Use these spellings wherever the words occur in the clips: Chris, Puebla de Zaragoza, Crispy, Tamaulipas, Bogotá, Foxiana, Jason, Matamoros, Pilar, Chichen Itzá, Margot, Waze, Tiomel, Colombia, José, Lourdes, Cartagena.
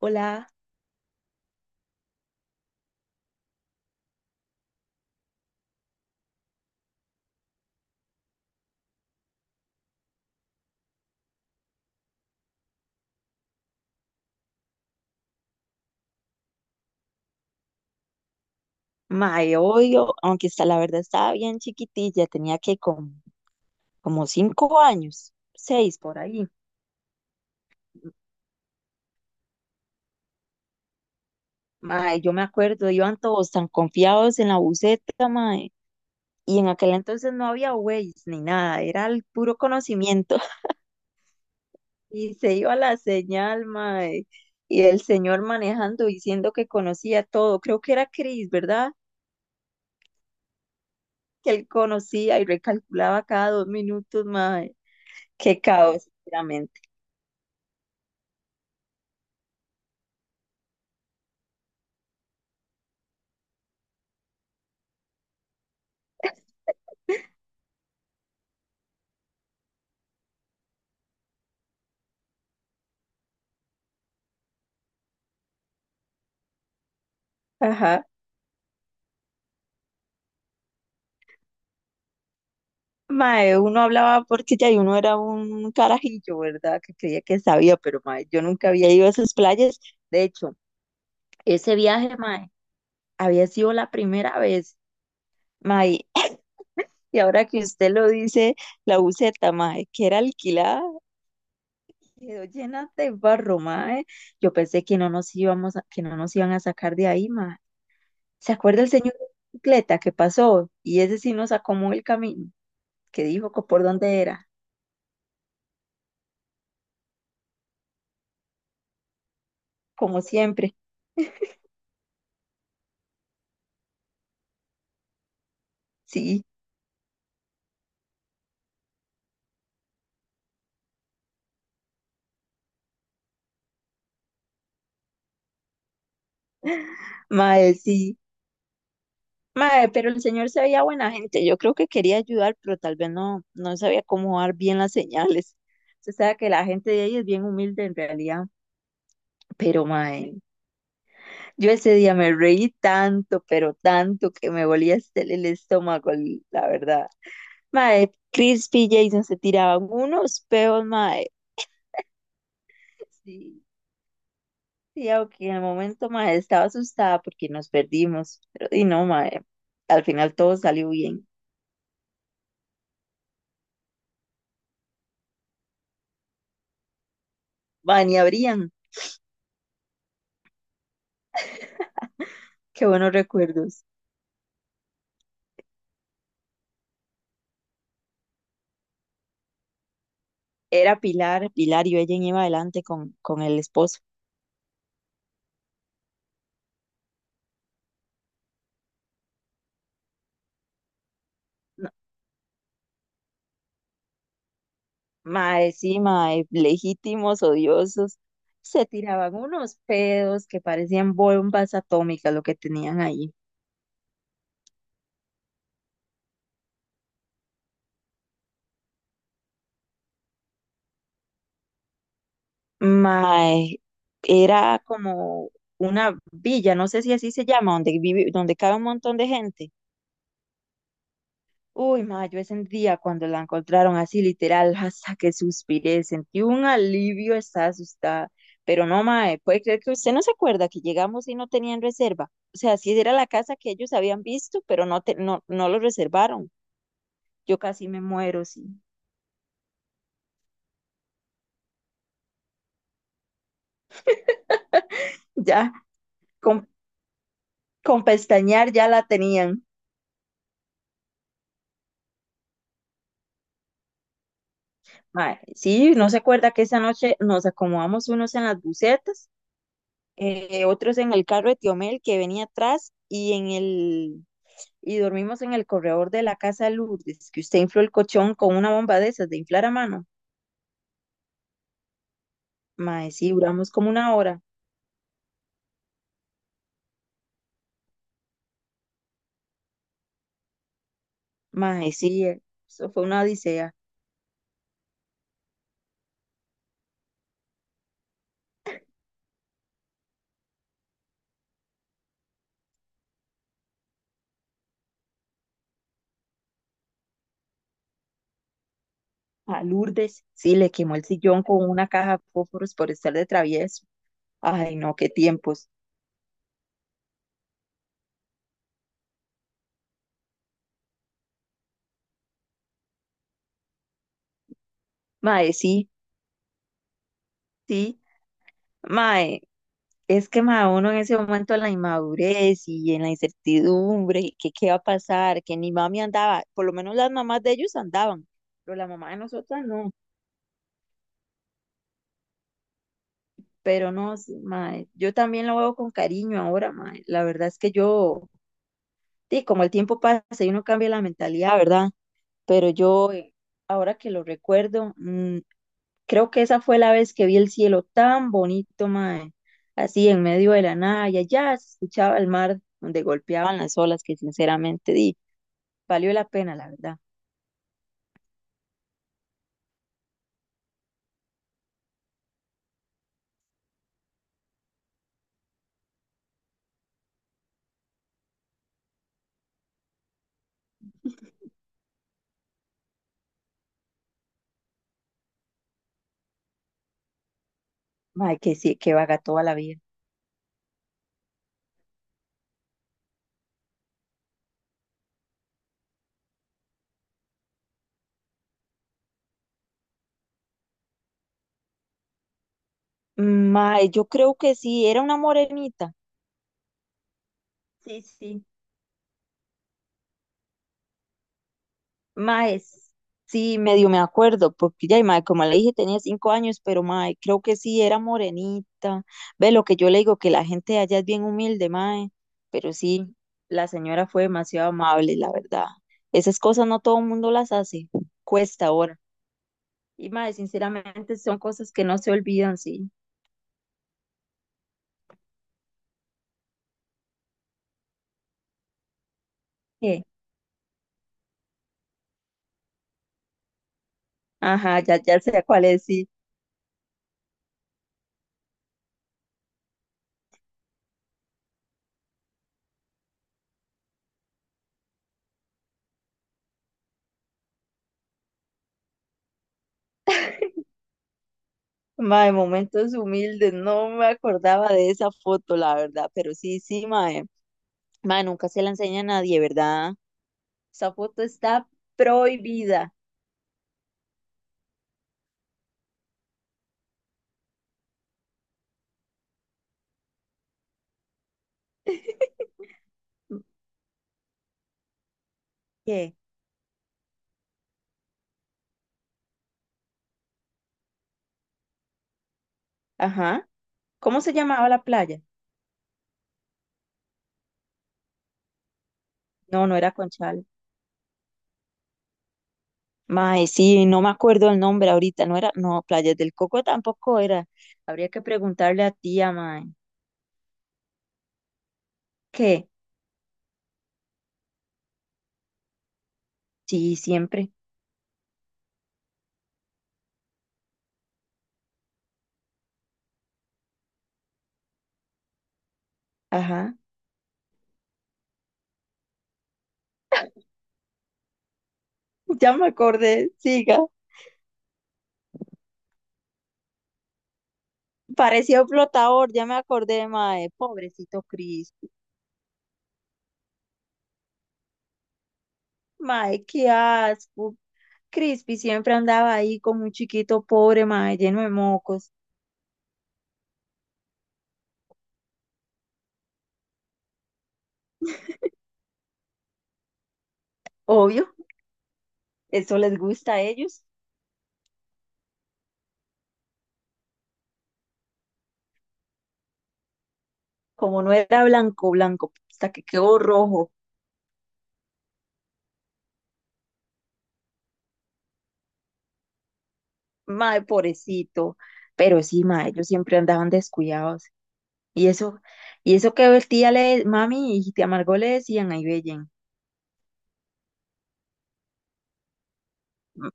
Hola, mae, obvio, aunque está, la verdad estaba bien chiquitilla, tenía que como, como 5 años, seis por ahí. Mae, yo me acuerdo, iban todos tan confiados en la buseta, mae, y en aquel entonces no había Waze ni nada, era el puro conocimiento. Y se iba la señal, mae, y el señor manejando diciendo que conocía todo, creo que era Chris, ¿verdad? Que él conocía y recalculaba cada 2 minutos, mae. Qué caos, sinceramente. Ajá. Mae, uno hablaba porque ya y uno era un carajillo, ¿verdad? Que creía que sabía, pero mae, yo nunca había ido a esas playas. De hecho, ese viaje, mae, había sido la primera vez, mae. Y ahora que usted lo dice, la buseta, mae, que era alquilada, quedó llena de barro, mae. Yo pensé que no nos iban a sacar de ahí, mae. ¿Se acuerda el señor de bicicleta que pasó? Y ese sí nos acomodó el camino, que dijo que por dónde era, como siempre. Sí, sí. Mae, pero el señor se veía buena gente. Yo creo que quería ayudar, pero tal vez no, no sabía cómo dar bien las señales. Usted sabe que la gente de ahí es bien humilde en realidad. Pero, mae, yo ese día me reí tanto, pero tanto que me volía hasta el estómago, la verdad. Mae, Crispy y Jason se tiraban unos peos, mae. Sí, sí, aunque en el momento, mae, estaba asustada porque nos perdimos. Pero, y no, mae, al final todo salió bien. Mae, ni abrían. Qué buenos recuerdos. Era Pilar, Pilar y ella iba adelante con el esposo. No, mae, sí, mae, legítimos, odiosos. Se tiraban unos pedos que parecían bombas atómicas lo que tenían ahí. Mae, era como una villa, no sé si así se llama, donde vive, donde cabe un montón de gente. Uy, ma, yo ese día cuando la encontraron así literal, hasta que suspiré, sentí un alivio, estaba asustada. Pero no, ma, puede creer que usted no se acuerda que llegamos y no tenían reserva. O sea, sí era la casa que ellos habían visto, pero no, no, no lo reservaron. Yo casi me muero, sí. Ya, con, con pestañear ya la tenían. Ma, sí, no se acuerda que esa noche nos acomodamos unos en las bucetas, otros en el carro de Tiomel que venía atrás y en el y dormimos en el corredor de la casa de Lourdes, que usted infló el colchón con una bomba de esas de inflar a mano. Mae, sí, duramos como una hora. Mae, sí, eso fue una odisea. A Lourdes, sí, le quemó el sillón con una caja de fósforos por estar de travieso. Ay, no, qué tiempos. Mae, sí, sí. Mae, es que mae, uno en ese momento en la inmadurez y en la incertidumbre, y que qué va a pasar, que ni mami andaba, por lo menos las mamás de ellos andaban, pero la mamá de nosotras no. Pero no, sí, mae, yo también lo veo con cariño ahora, mae. La verdad es que yo, sí, como el tiempo pasa y uno cambia la mentalidad, ¿verdad? Pero yo, ahora que lo recuerdo, creo que esa fue la vez que vi el cielo tan bonito, mae, así en medio de la nada y allá se escuchaba el mar donde golpeaban las olas, que sinceramente, di, valió la pena, la verdad. Mae, que sí, que vaga toda la vida. Mae, yo creo que sí, era una morenita. Sí, sí. Mae, sí, medio me acuerdo, porque ya, y mae, como le dije, tenía 5 años, pero mae, creo que sí, era morenita. Ve lo que yo le digo, que la gente de allá es bien humilde, mae, pero sí, la señora fue demasiado amable, la verdad. Esas cosas no todo el mundo las hace, cuesta ahora. Y mae, sinceramente son cosas que no se olvidan, sí. Eh, Ajá, ya, ya sé cuál es, sí. Mae, momentos humildes, no me acordaba de esa foto, la verdad, pero sí, sí, mae. Ma, nunca se la enseña a nadie, ¿verdad? Esa foto está prohibida. ¿Qué? Ajá. ¿Cómo se llamaba la playa? No, no era Conchal. Mae, sí, no me acuerdo el nombre ahorita, no era, no, Playas del Coco tampoco era. Habría que preguntarle a tía, mae. ¿Qué? Sí, siempre. Ajá. Ya me acordé, siga. Parecía un flotador, ya me acordé, mae. Pobrecito Chris. Mae, qué asco. Crispy siempre andaba ahí con un chiquito pobre, mae, lleno de mocos. Obvio, eso les gusta a ellos. Como no era blanco, blanco, hasta que quedó rojo. Mae, pobrecito. Pero sí, mae, ellos siempre andaban descuidados. Y eso, y eso que el tía le, mami y tía Margot le decían, ahí bellen. "M-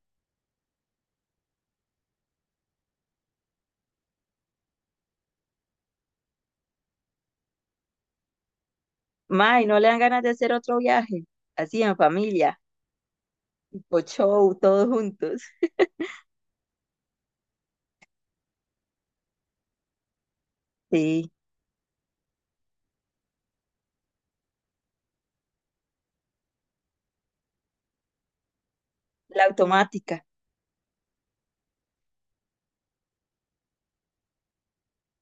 Mae, no le dan ganas de hacer otro viaje. Así en familia, o show, todos juntos. Sí, la automática.